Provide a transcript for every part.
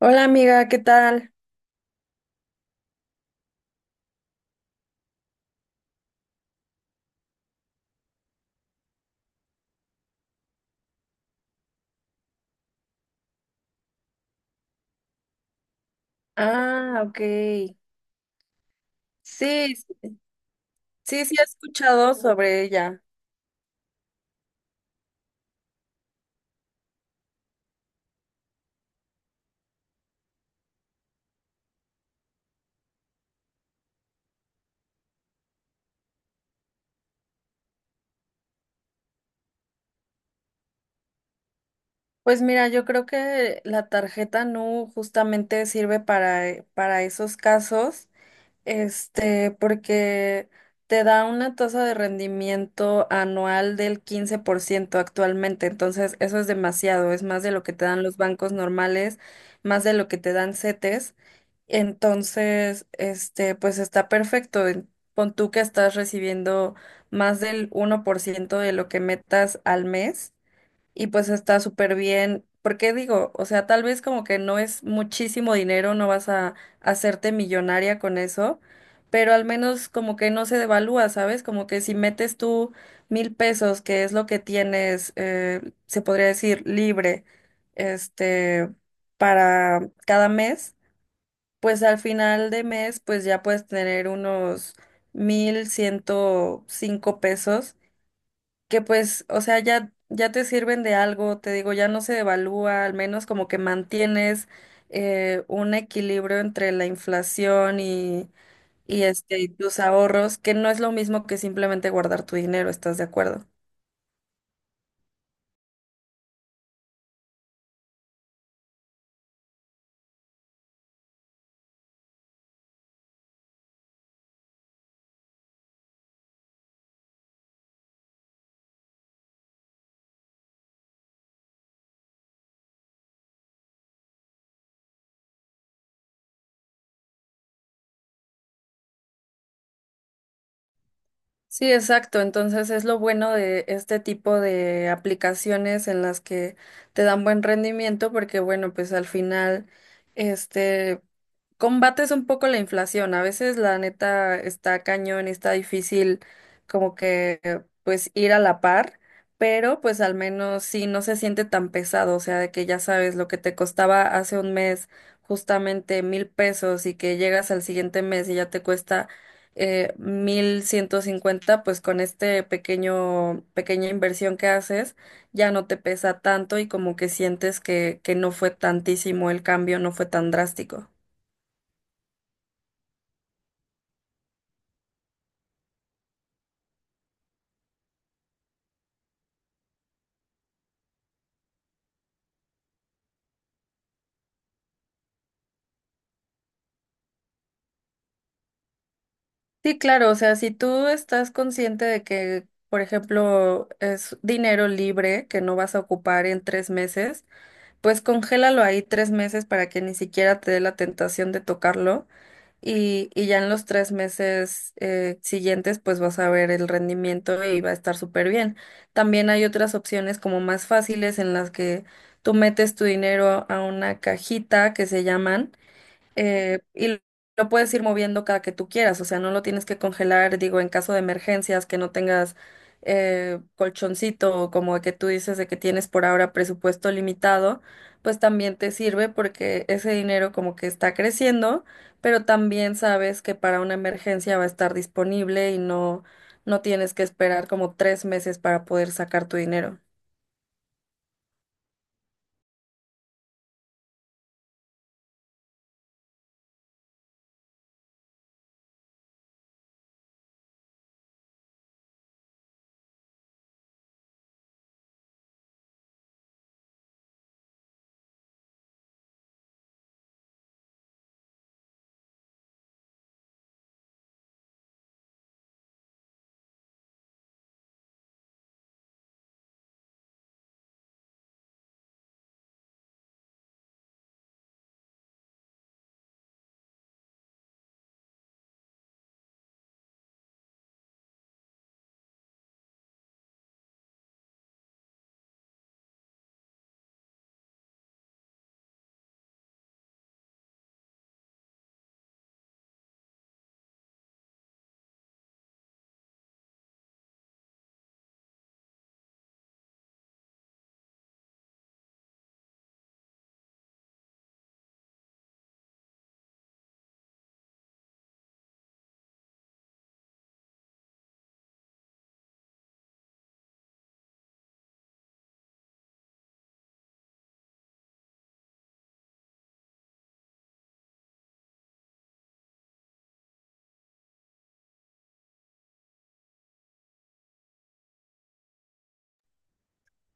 Hola amiga, ¿qué tal? Ah, ok. Sí, sí, sí he escuchado sobre ella. Pues mira, yo creo que la tarjeta NU justamente sirve para esos casos, este, porque te da una tasa de rendimiento anual del 15% actualmente. Entonces eso es demasiado, es más de lo que te dan los bancos normales, más de lo que te dan CETES. Entonces, este, pues está perfecto. Pon tú que estás recibiendo más del uno por ciento de lo que metas al mes y pues está súper bien. Porque digo, o sea, tal vez como que no es muchísimo dinero, no vas a hacerte millonaria con eso, pero al menos como que no se devalúa, ¿sabes? Como que si metes tú mil pesos, que es lo que tienes, se podría decir libre, este, para cada mes, pues al final de mes, pues ya puedes tener unos 1.105 pesos, que pues, o sea, ya te sirven de algo. Te digo, ya no se devalúa, al menos como que mantienes un equilibrio entre la inflación y y tus ahorros, que no es lo mismo que simplemente guardar tu dinero, ¿estás de acuerdo? Sí, exacto. Entonces es lo bueno de este tipo de aplicaciones en las que te dan buen rendimiento porque, bueno, pues al final, este, combates un poco la inflación. A veces la neta está cañón y está difícil como que, pues, ir a la par, pero pues al menos sí no se siente tan pesado. O sea, de que ya sabes lo que te costaba hace un mes justamente mil pesos, y que llegas al siguiente mes y ya te cuesta mil ciento cincuenta, pues con este pequeña inversión que haces, ya no te pesa tanto, y como que sientes que no fue tantísimo el cambio, no fue tan drástico. Sí, claro, o sea, si tú estás consciente de que, por ejemplo, es dinero libre que no vas a ocupar en tres meses, pues congélalo ahí tres meses para que ni siquiera te dé la tentación de tocarlo. Y ya en los tres meses siguientes, pues vas a ver el rendimiento y va a estar súper bien. También hay otras opciones como más fáciles en las que tú metes tu dinero a una cajita que se llaman y lo puedes ir moviendo cada que tú quieras, o sea, no lo tienes que congelar, digo, en caso de emergencias, que no tengas colchoncito o como que tú dices de que tienes por ahora presupuesto limitado, pues también te sirve porque ese dinero como que está creciendo, pero también sabes que para una emergencia va a estar disponible no tienes que esperar como tres meses para poder sacar tu dinero.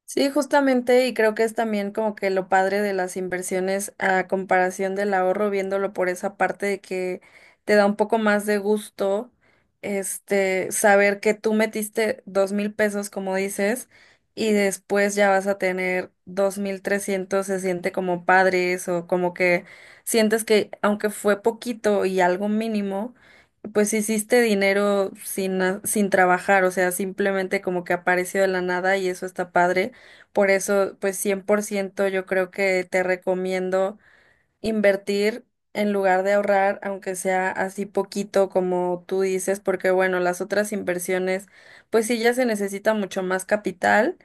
Sí, justamente, y creo que es también como que lo padre de las inversiones a comparación del ahorro, viéndolo por esa parte de que te da un poco más de gusto, este, saber que tú metiste dos mil pesos, como dices, y después ya vas a tener dos mil trescientos, se siente como padres o como que sientes que aunque fue poquito y algo mínimo, pues hiciste dinero sin trabajar, o sea, simplemente como que apareció de la nada y eso está padre. Por eso, pues 100% yo creo que te recomiendo invertir en lugar de ahorrar, aunque sea así poquito como tú dices, porque bueno, las otras inversiones, pues sí ya se necesita mucho más capital,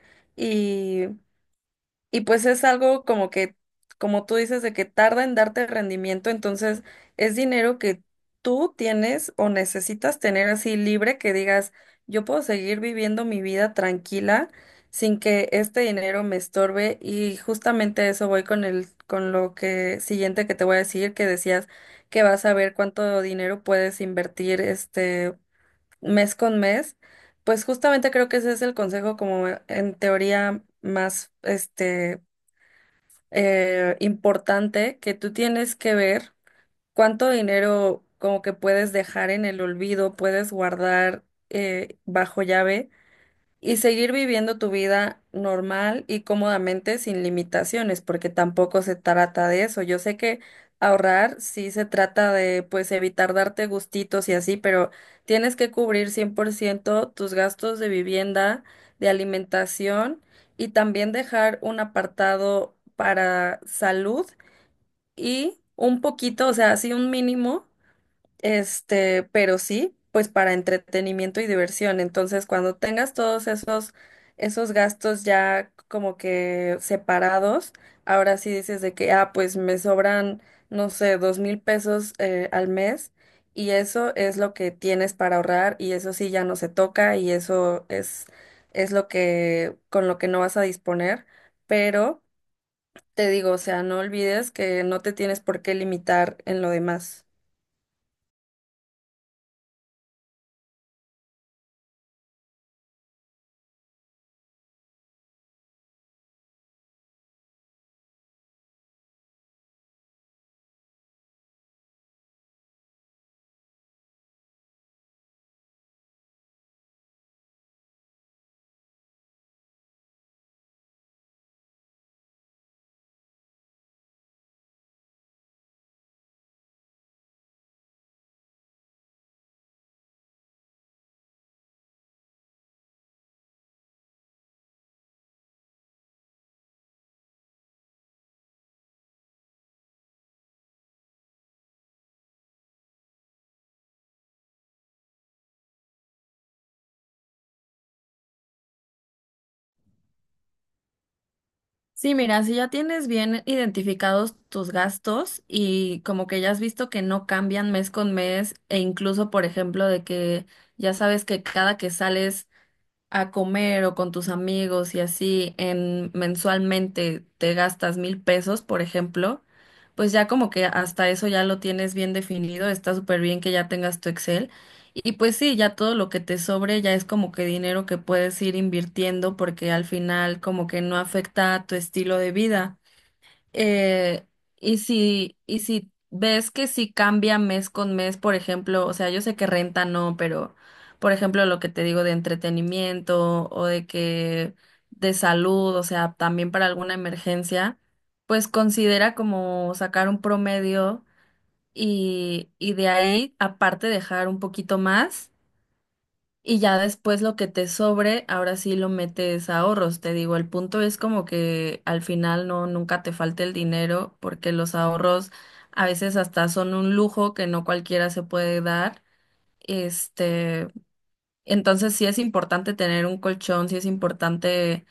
y pues es algo como como tú dices, de que tarda en darte rendimiento. Entonces es dinero que tú tienes o necesitas tener así libre, que digas, yo puedo seguir viviendo mi vida tranquila sin que este dinero me estorbe. Y justamente eso voy con con lo que siguiente que te voy a decir, que decías que vas a ver cuánto dinero puedes invertir este mes con mes. Pues justamente creo que ese es el consejo como en teoría más este importante, que tú tienes que ver cuánto dinero como que puedes dejar en el olvido, puedes guardar bajo llave y seguir viviendo tu vida normal y cómodamente sin limitaciones, porque tampoco se trata de eso. Yo sé que ahorrar sí se trata de, pues, evitar darte gustitos y así, pero tienes que cubrir 100% tus gastos de vivienda, de alimentación, y también dejar un apartado para salud y un poquito, o sea, así un mínimo, este, pero sí, pues para entretenimiento y diversión. Entonces, cuando tengas todos esos gastos ya como que separados, ahora sí dices de que, ah, pues me sobran, no sé, dos mil pesos al mes, y eso es lo que tienes para ahorrar y eso sí ya no se toca, y eso es lo con lo que no vas a disponer. Pero te digo, o sea, no olvides que no te tienes por qué limitar en lo demás. Sí, mira, si ya tienes bien identificados tus gastos y como que ya has visto que no cambian mes con mes, e incluso, por ejemplo, de que ya sabes que cada que sales a comer o con tus amigos y así en mensualmente te gastas mil pesos, por ejemplo, pues ya como que hasta eso ya lo tienes bien definido, está súper bien que ya tengas tu Excel. Y pues sí, ya todo lo que te sobre ya es como que dinero que puedes ir invirtiendo porque al final como que no afecta a tu estilo de vida. Eh, y si ves que si cambia mes con mes, por ejemplo, o sea, yo sé que renta no, pero por ejemplo, lo que te digo de entretenimiento o de que de salud, o sea, también para alguna emergencia, pues considera como sacar un promedio y de ahí, aparte, dejar un poquito más, y ya después lo que te sobre, ahora sí lo metes a ahorros. Te digo, el punto es como que al final nunca te falte el dinero, porque los ahorros a veces hasta son un lujo que no cualquiera se puede dar. Este, entonces sí es importante tener un colchón, sí es importante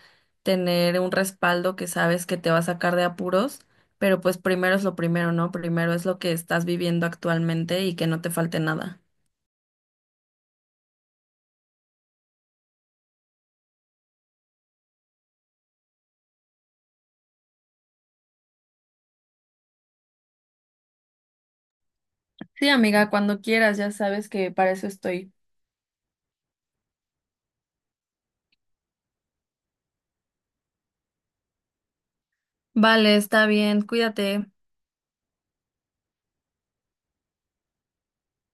tener un respaldo que sabes que te va a sacar de apuros, pero pues primero es lo primero, ¿no? Primero es lo que estás viviendo actualmente y que no te falte nada. Sí, amiga, cuando quieras, ya sabes que para eso estoy. Vale, está bien, cuídate.